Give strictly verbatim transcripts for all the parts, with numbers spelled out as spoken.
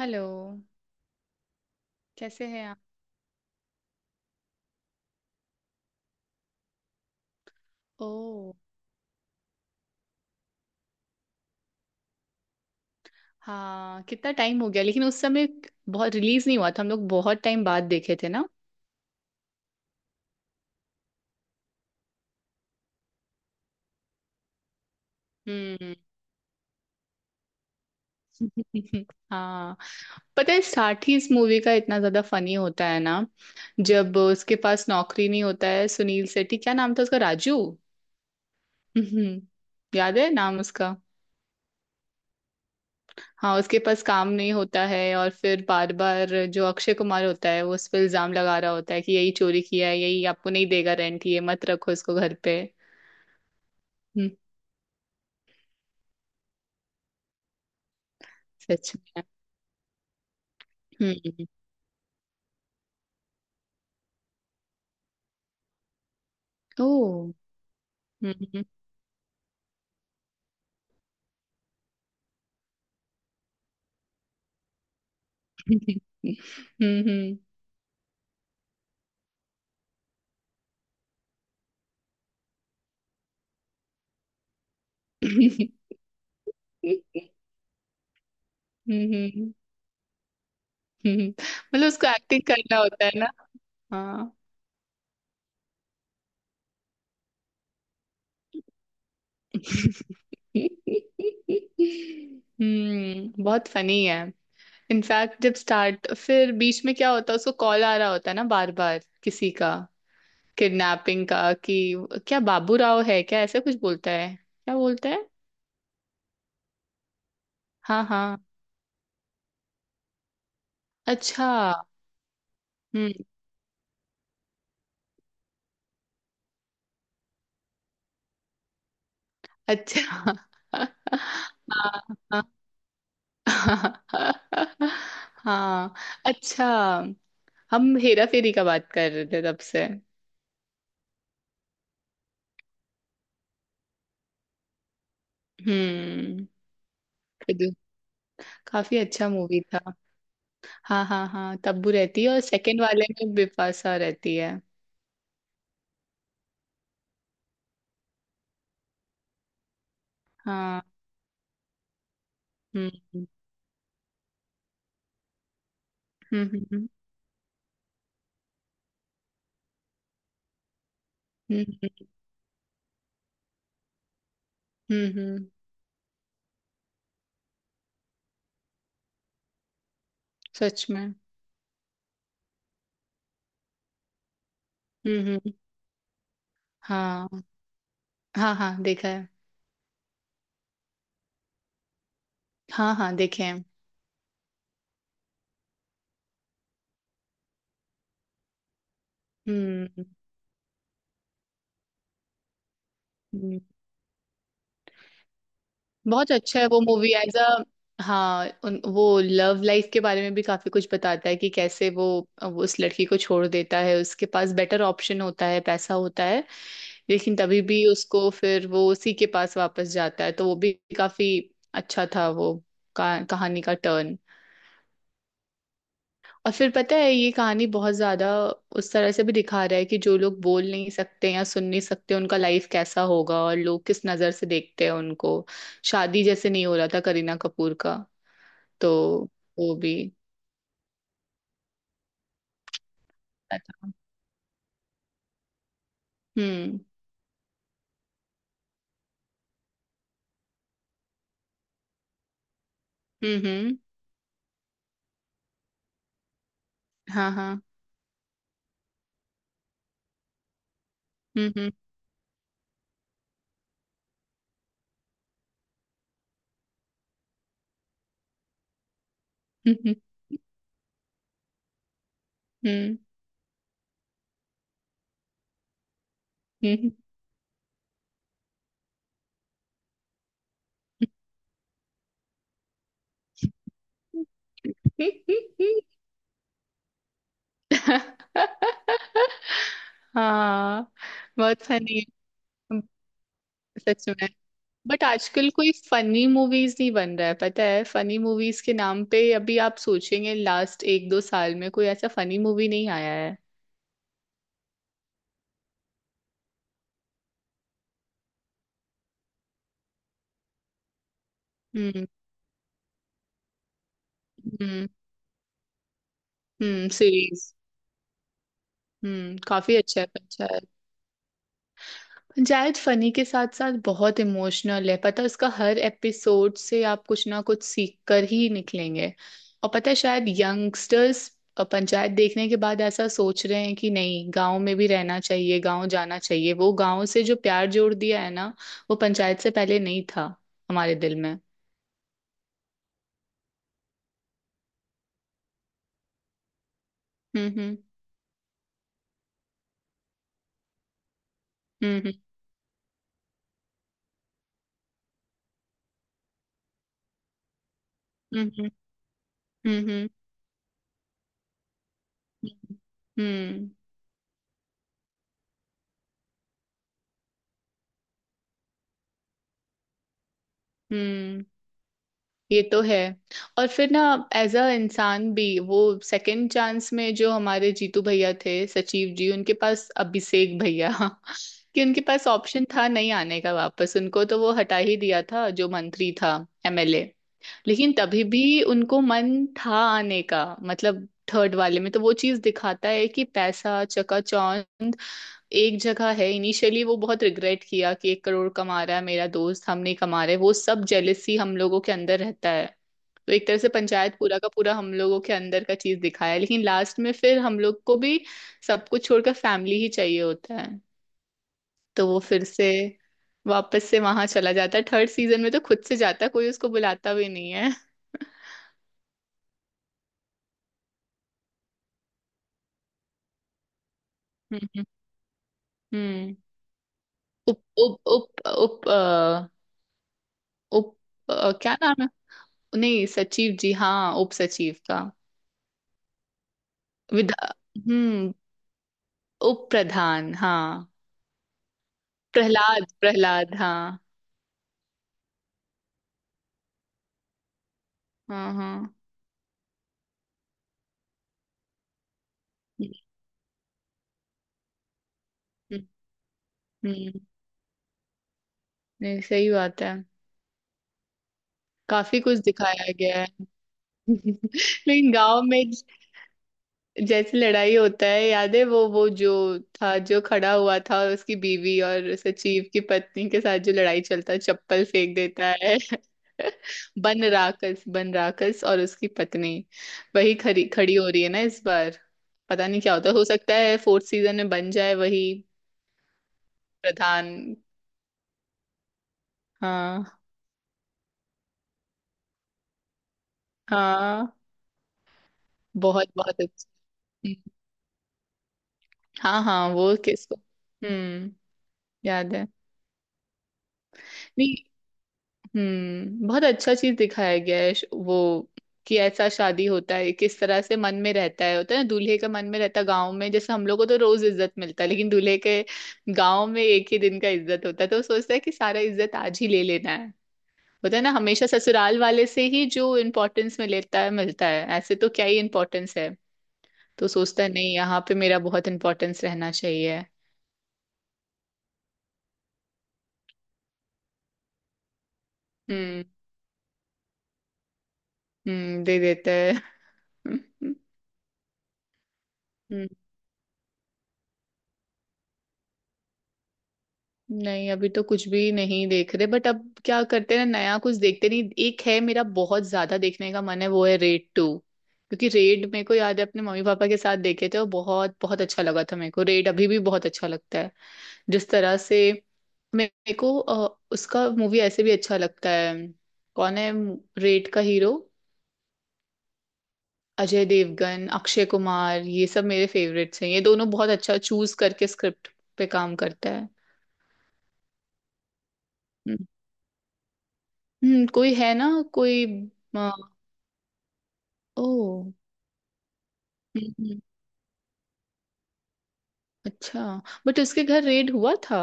Hello. कैसे हैं आप? ओ हाँ। कितना टाइम हो गया, लेकिन उस समय बहुत रिलीज नहीं हुआ था, हम लोग बहुत टाइम बाद देखे थे ना। हम्म। हाँ, पता है साठी, इस मूवी का इतना ज्यादा फनी होता है ना जब उसके पास नौकरी नहीं होता है। सुनील शेट्टी, क्या नाम था उसका, राजू? हम्म, याद है नाम उसका। हाँ, उसके पास काम नहीं होता है और फिर बार बार जो अक्षय कुमार होता है वो उस पर इल्जाम लगा रहा होता है कि यही चोरी किया है, यही आपको नहीं देगा रेंट, ये मत रखो इसको घर पे। हम्म, सच में। हम्म। ओ हम्म। हम्म। हम्म। हम्म मतलब उसको एक्टिंग करना होता है ना। हाँ। हम्म, बहुत फनी है। इनफैक्ट जब स्टार्ट, फिर बीच में क्या होता है, उसको कॉल आ रहा होता है ना बार बार किसी का, किडनैपिंग का कि क्या बाबू राव है, क्या ऐसा कुछ बोलता है, क्या बोलता है? हाँ हाँ। अच्छा। हम्म। अच्छा। हाँ हाँ हाँ। अच्छा, हम हेरा फेरी का बात कर रहे थे तब से। हम्म। फिर- काफी अच्छा मूवी था। हाँ हाँ हाँ, तब्बू रहती है, और सेकंड वाले में बिपाशा रहती है। हाँ। हम्म हम्म हम्म हम्म हम्म हम्म, हम्म, सच में। हम्म हम्म। हाँ हाँ हाँ, देखा है। हाँ हाँ, देखे हैं। हम्म हम्म, बहुत अच्छा है वो मूवी, एज अ। हाँ उन, वो लव लाइफ के बारे में भी काफी कुछ बताता है कि कैसे वो, वो उस लड़की को छोड़ देता है, उसके पास बेटर ऑप्शन होता है, पैसा होता है, लेकिन तभी भी उसको फिर वो उसी के पास वापस जाता है। तो वो भी काफी अच्छा था वो का, कहानी का टर्न। और फिर पता है, ये कहानी बहुत ज्यादा उस तरह से भी दिखा रहा है कि जो लोग बोल नहीं सकते या सुन नहीं सकते उनका लाइफ कैसा होगा, और लोग किस नजर से देखते हैं उनको। शादी जैसे नहीं हो रहा था करीना कपूर का, तो वो भी था। हम्म हम्म हम्म। हाँ हाँ। हम्म हम्म हम्म हम्म। हम्म। हम्म। हाँ, बहुत फनी है। सच में, बट आजकल कोई फनी मूवीज नहीं बन रहा है, पता है। फनी मूवीज के नाम पे अभी आप सोचेंगे लास्ट एक दो साल में, कोई ऐसा फनी मूवी नहीं आया है। हम्म हम्म। हम्म सीरीज। हम्म, काफी अच्छा है, अच्छा है। जायद फनी के साथ साथ बहुत इमोशनल है, पता है उसका। हर एपिसोड से आप कुछ ना कुछ सीख कर ही निकलेंगे। और पता है, शायद यंगस्टर्स पंचायत देखने के बाद ऐसा सोच रहे हैं कि नहीं, गांव में भी रहना चाहिए, गांव जाना चाहिए। वो गांव से जो प्यार जोड़ दिया है ना, वो पंचायत से पहले नहीं था हमारे दिल में। हम्म हम्म हम्म हम्म हम्म हम्म हम्म हम्म हम्म। ये तो है। और फिर ना, एज अ इंसान भी वो सेकंड चांस में, जो हमारे जीतू भैया थे सचिव जी, उनके पास अभिषेक भैया कि उनके पास ऑप्शन था नहीं आने का वापस। उनको तो वो हटा ही दिया था जो मंत्री था, एमएलए। लेकिन तभी भी उनको मन था आने का। मतलब थर्ड वाले में तो वो चीज दिखाता है कि पैसा, चकाचौंध एक जगह है। इनिशियली वो बहुत रिग्रेट किया कि एक करोड़ कमा रहा है मेरा दोस्त, हम नहीं कमा रहे, वो सब जेलेसी हम लोगों के अंदर रहता है। तो एक तरह से पंचायत पूरा का पूरा हम लोगों के अंदर का चीज दिखाया है, लेकिन लास्ट में फिर हम लोग को भी सब कुछ छोड़कर फैमिली ही चाहिए होता है। तो वो फिर से वापस से वहां चला जाता है। थर्ड सीजन में तो खुद से जाता है, कोई उसको बुलाता भी नहीं है। हम्म हम्म। उप उप उप उप अ, उप अ, क्या नाम है? नहीं सचिव जी, हाँ उप सचिव का। विधा, हम्म। उप प्रधान, हाँ। प्रहलाद प्रहलाद, हाँ। हाँ हाँ। हम्म हम्म, हम्म, नहीं सही बात है। काफी कुछ दिखाया गया है लेकिन गांव में जैसे लड़ाई होता है याद है, वो वो जो था, जो खड़ा हुआ था, और उसकी बीवी और सचिव की पत्नी के साथ जो लड़ाई चलता है, चप्पल फेंक देता है बन राकस, बन राकस और उसकी पत्नी वही खड़ी खड़ी हो रही है ना इस बार। पता नहीं क्या होता है। हो सकता है फोर्थ सीजन में बन जाए वही प्रधान। हाँ हाँ, बहुत बहुत अच्छा। हम्म, हाँ हाँ। वो किसको? हम्म, याद है? नहीं। हम्म, बहुत अच्छा चीज दिखाया गया है श- वो, कि ऐसा शादी होता है किस तरह से मन में रहता है, होता है ना दूल्हे का मन में रहता है। गाँव में जैसे हम लोग को तो रोज इज्जत मिलता है, लेकिन दूल्हे के गाँव में एक ही दिन का इज्जत होता है, तो वो सोचता है कि सारा इज्जत आज ही ले लेना है। होता है ना, हमेशा ससुराल वाले से ही जो इम्पोर्टेंस में लेता है, मिलता है। ऐसे तो क्या ही इम्पोर्टेंस है, तो सोचता है नहीं, यहाँ पे मेरा बहुत इम्पोर्टेंस रहना चाहिए। हम्म हम्म, दे देता है हम्म नहीं, अभी तो कुछ भी नहीं देख रहे, बट अब क्या करते हैं ना, नया कुछ देखते नहीं। एक है मेरा बहुत ज्यादा देखने का मन है, वो है रेड टू, क्योंकि रेड मेरे को याद है अपने मम्मी पापा के साथ देखे थे और बहुत बहुत अच्छा लगा था मेरे को। रेड अभी भी बहुत अच्छा लगता है जिस तरह से। मेरे को अ, उसका मूवी ऐसे भी अच्छा लगता है। कौन है रेड का हीरो? अजय देवगन, अक्षय कुमार, ये सब मेरे फेवरेट्स हैं। ये दोनों बहुत अच्छा चूज करके स्क्रिप्ट पे काम करता है। हम्म, कोई है ना, कोई। आ, ओ, हम्म, हम्म, अच्छा। बट उसके घर रेड हुआ था,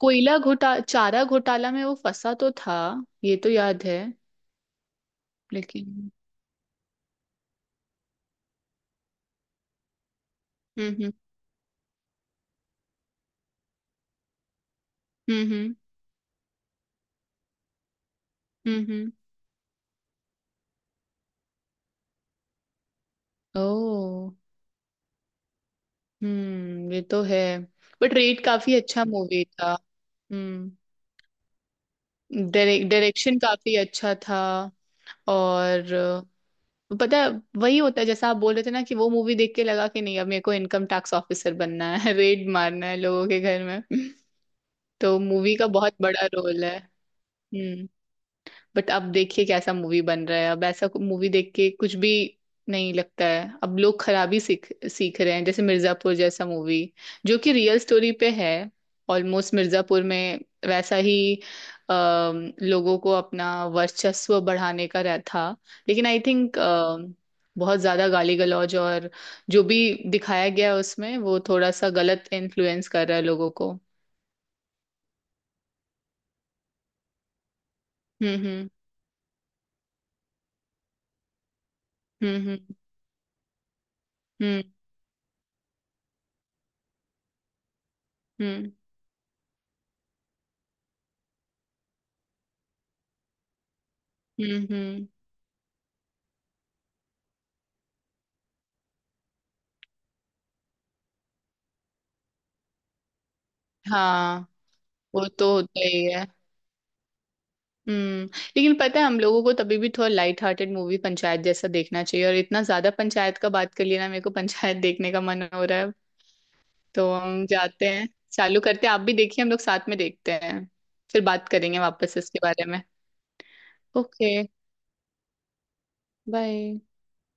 कोयला घोटा चारा घोटाला में वो फंसा तो था, ये तो याद है, लेकिन। हम्म हम्म हम्म हम्म हम्म हम्म, ओ, हम्म, ये तो है। बट रेड काफी अच्छा मूवी था। हम्म, डायरेक्शन काफी अच्छा था। और पता है, वही होता है जैसा आप बोल रहे थे ना, कि वो मूवी देख के लगा कि नहीं, अब मेरे को इनकम टैक्स ऑफिसर बनना है रेड मारना है लोगों के घर में तो मूवी का बहुत बड़ा रोल है। हम्म, बट अब देखिए कैसा मूवी बन रहा है, अब ऐसा मूवी देख के कुछ भी नहीं लगता है। अब लोग खराबी सीख सीख रहे हैं, जैसे मिर्जापुर जैसा मूवी, जो कि रियल स्टोरी पे है। ऑलमोस्ट मिर्जापुर में वैसा ही अम, लोगों को अपना वर्चस्व बढ़ाने का रह था। लेकिन आई थिंक बहुत ज्यादा गाली गलौज और जो भी दिखाया गया है उसमें, वो थोड़ा सा गलत इन्फ्लुएंस कर रहा है लोगों को। हम्म हम्म हम्म हम्म हम्म हम्म हम्म हम्म, हाँ, वो तो होता ही है। हम्म, लेकिन पता है, हम लोगों को तभी भी थोड़ा लाइट हार्टेड मूवी पंचायत जैसा देखना चाहिए। और इतना ज्यादा पंचायत का बात कर लिया ना, मेरे को पंचायत देखने का मन हो रहा है। तो हम जाते हैं, चालू करते हैं, आप भी देखिए, हम लोग साथ में देखते हैं। फिर बात करेंगे वापस इसके बारे में। Okay, bye.